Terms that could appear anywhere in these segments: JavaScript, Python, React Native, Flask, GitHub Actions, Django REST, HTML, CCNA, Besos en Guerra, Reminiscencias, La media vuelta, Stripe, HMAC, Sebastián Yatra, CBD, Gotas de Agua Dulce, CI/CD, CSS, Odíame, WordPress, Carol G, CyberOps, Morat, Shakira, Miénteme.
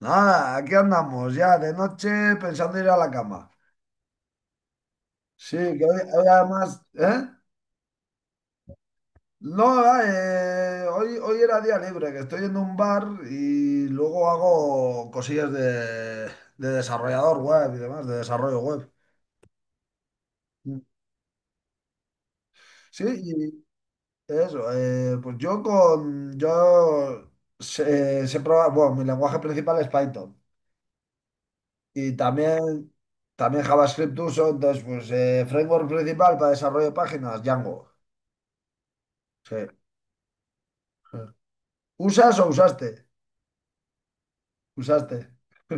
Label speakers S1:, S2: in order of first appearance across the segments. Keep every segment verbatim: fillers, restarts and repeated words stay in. S1: Nada, aquí andamos ya de noche pensando ir a la cama. Sí, que hoy, hoy además, ¿eh? No, eh, hoy, hoy era día libre, que estoy en un bar y luego hago cosillas de, de desarrollador web y demás, de desarrollo web. Sí, y eso, eh, pues yo con, yo sé, sé probar- bueno, mi lenguaje principal es Python y también, también JavaScript uso, entonces pues eh, framework principal para desarrollo de páginas, Django. Sí. ¿Usas o usaste? Usaste.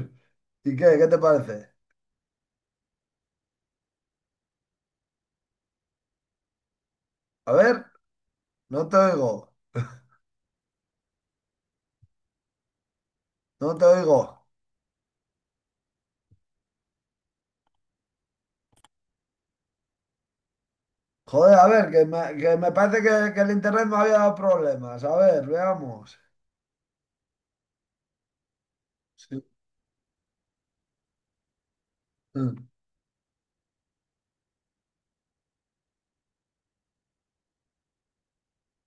S1: ¿Y qué? ¿Qué te parece? A ver, no te oigo, no te oigo. Joder, a ver, que me, que me parece que, que el internet me había dado problemas. A ver, veamos. Sí, mm,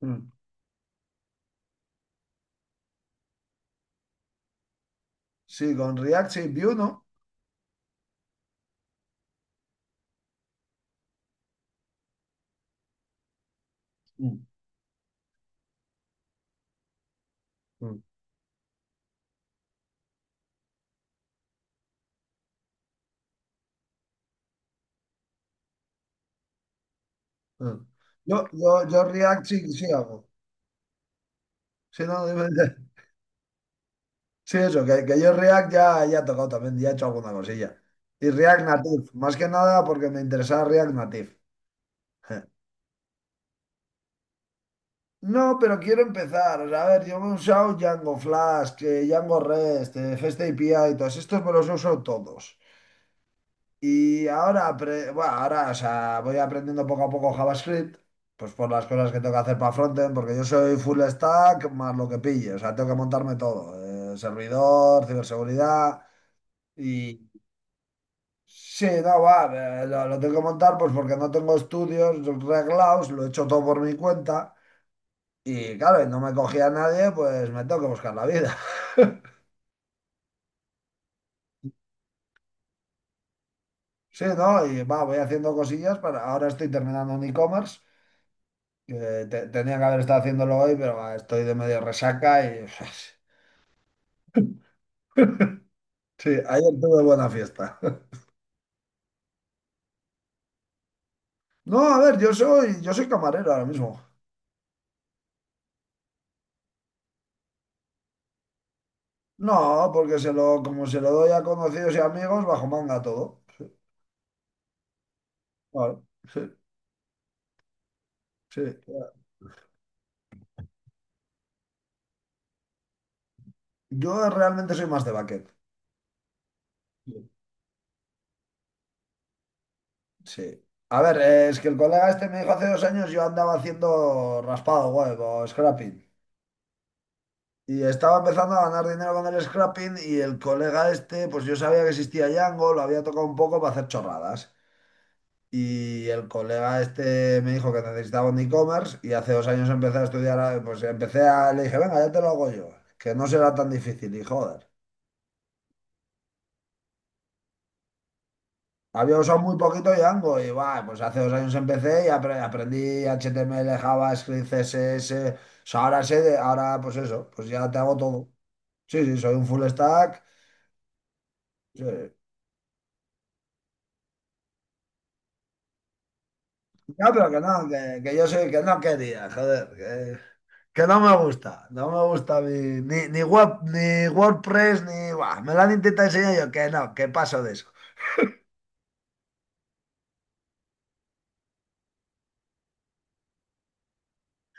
S1: mm. Sí, con React sí, Vue, ¿no? Mm, mm, mm. Yo, yo, yo React sí, sí hago. Sí, no, dime, dime. Sí, eso, que, que yo React ya, ya he tocado también, ya he hecho alguna cosilla. Y React Native, más que nada porque me interesaba React Native. Eh, No, pero quiero empezar. O sea, a ver, yo me he usado Django Flask, eh, Django REST, eh, REST A P I, todos estos me los he usado todos. Y ahora, apre- bueno, ahora, o sea, voy aprendiendo poco a poco JavaScript, pues por las cosas que tengo que hacer para frontend, porque yo soy full stack más lo que pille. O sea, tengo que montarme todo, eh, servidor, ciberseguridad y... Sí, no, va, eh, lo, lo tengo que montar pues porque no tengo estudios reglados, lo he hecho todo por mi cuenta. Y claro, no me cogía a nadie, pues me tengo que buscar la vida. Sí, ¿no? Y va, voy haciendo cosillas para... Ahora estoy terminando un e-commerce, que te- tenía que haber estado haciéndolo hoy, pero va, estoy de medio resaca y... Sí, ayer tuve buena fiesta. No, a ver, yo soy, yo soy camarero ahora mismo. No, porque se lo, como se lo doy a conocidos y amigos, bajo manga todo. Claro, sí, sí. Yo realmente soy más de baquet. Sí. A ver, eh, es que el colega este me dijo hace dos años yo andaba haciendo raspado web o scrapping. Y estaba empezando a ganar dinero con el scrapping y el colega este, pues yo sabía que existía Django, lo había tocado un poco para hacer chorradas. Y el colega este me dijo que necesitaba un e-commerce y hace dos años empecé a estudiar, eh, pues empecé a, le dije, venga, ya te lo hago yo, que no será tan difícil y joder. Había usado muy poquito Django y va, pues hace dos años empecé y apre- aprendí H T M L, JavaScript, C S S. O sea, ahora sé de, ahora pues eso, pues ya te hago todo. Sí, sí, soy un full stack. Sí. Ya, pero que no, que, que yo soy, que no quería, joder, que, que no me gusta, no me gusta mi- ni, ni web, ni WordPress, ni, buah, me lo han intentado enseñar y yo, que no, que paso de eso.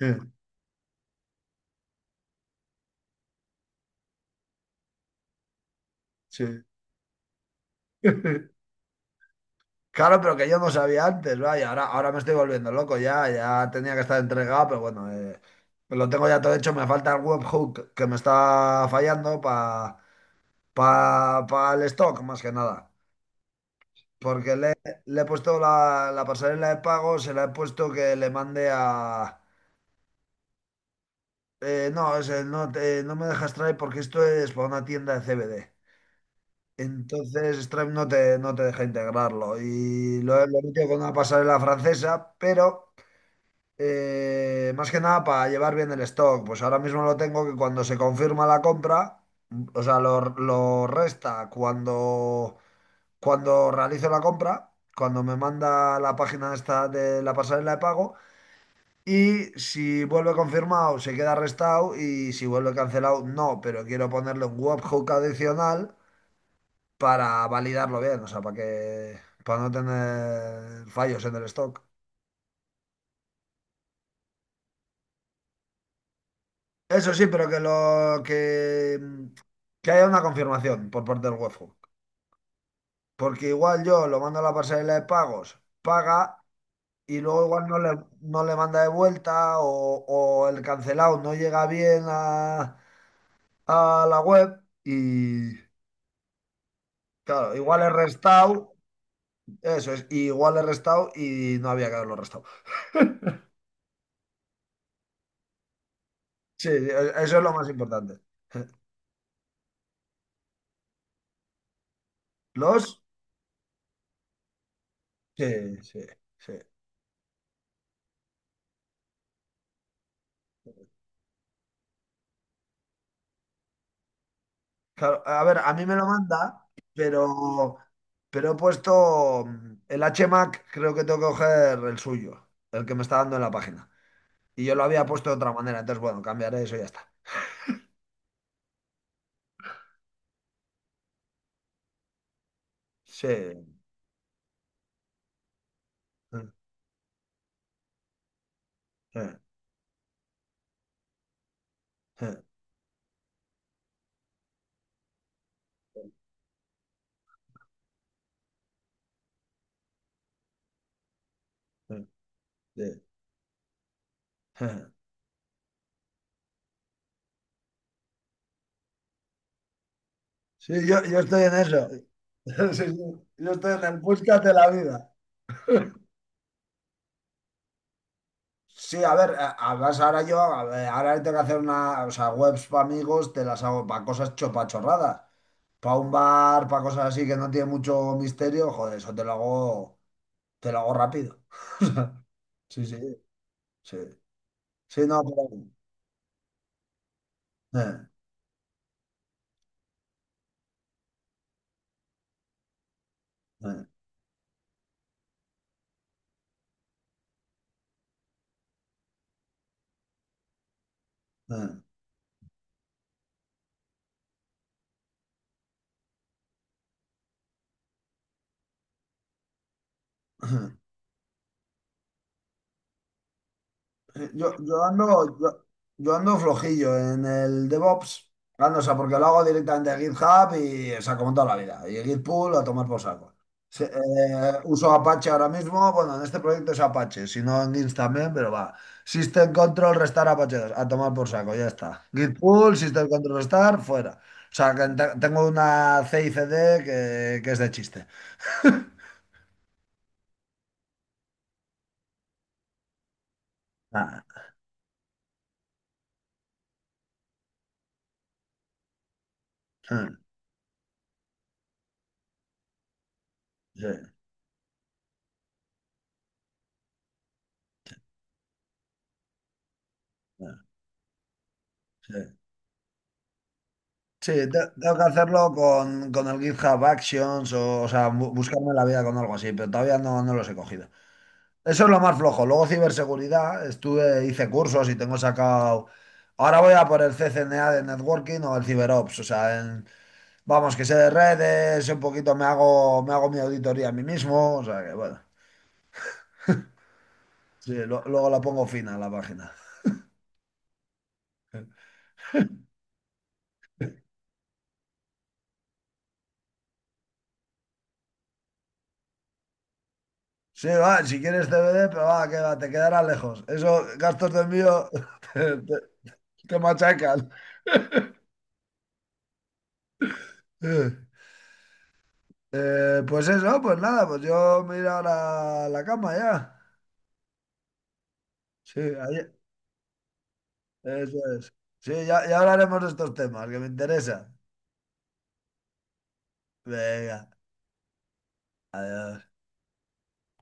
S1: Sí. Claro, pero que yo no sabía antes, vaya, ahora, ahora me estoy volviendo loco ya, ya tenía que estar entregado, pero bueno, eh, pues lo tengo ya todo hecho, me falta el webhook que me está fallando para pa, pa pa el stock, más que nada, porque le, le he puesto la, la pasarela de pago, se la he puesto que le mande a... eh, no, ese, no, te- no me dejas Stripe porque esto es para una tienda de C B D. Entonces Stripe no te, no te deja integrarlo y lo, he- lo he metido con una pasarela francesa, pero... Eh, más que nada para llevar bien el stock. Pues ahora mismo lo tengo que cuando se confirma la compra, o sea, lo, lo resta cuando, cuando realizo la compra, cuando me manda la página esta de la pasarela de pago. Y si vuelve confirmado, se queda restado. Y si vuelve cancelado, no. Pero quiero ponerle un webhook adicional para validarlo bien, o sea, para que, para no tener fallos en el stock. Eso sí, pero que lo que, que haya una confirmación por parte del webhook. Porque igual yo lo mando a la pasarela de pagos, paga y luego igual no le, no le manda de vuelta o, o el cancelado no llega bien a, a la web y claro, igual he restado, eso es, y igual he restado y no había que haberlo restado. Sí, e- eso es lo más importante. Los, sí, sí, sí. Claro, a ver, a mí me lo manda, pero Pero he puesto mm, el H M A C, creo que tengo que coger el suyo, el que me está dando en la página. Y yo lo había puesto de otra manera, entonces bueno, cambiaré eso y ya está. Sí. Sí, sí, sí, sí, sí, sí. Sí, yo, yo estoy en eso. Sí, sí. Yo estoy en el búscate la vida. Sí, a ver, a- además ahora yo, a ver, ahora tengo que hacer una, o sea, webs para amigos, te las hago para cosas chopachorradas, para un bar, para cosas así que no tiene mucho misterio, joder, eso te lo hago, te lo hago rápido. Sí, sí, sí. Sí, no, pero... eh, eh, eh. Yo, yo ando, yo, yo ando flojillo en el DevOps. Ah, no, o sea, porque lo hago directamente a GitHub y, o sea, como toda la vida. Y Git pull a tomar por saco. Sí, eh, uso Apache ahora mismo. Bueno, en este proyecto es Apache, si no en Git también, pero va. System Control Restart Apache dos a tomar por saco, ya está. Git pull, System Control Restart, fuera. O sea, que te- tengo una C I C D que, que es de chiste. Ah. Sí, sí, sí. Sí, te- tengo que hacerlo con, con el GitHub Actions o, o sea, bu- buscarme la vida con algo así, pero todavía no, no los he cogido. Eso es lo más flojo. Luego ciberseguridad, estuve, hice cursos y tengo sacado... Ahora voy a por el C C N A de Networking o el CyberOps, o sea, en- vamos, que sé de redes, sé un poquito me hago, me hago mi auditoría a mí mismo, o sea que bueno, sí, lo- luego la pongo fina a la página. Sí, va, si quieres C B D, pero va, que va, te quedará lejos. Eso, gastos de envío, Te machacan. Eh, pues eso, pues nada, pues yo me iré ahora a la cama ya. Sí, ahí- eso es. Sí, ya, ya hablaremos de estos temas que me interesan. Venga, adiós.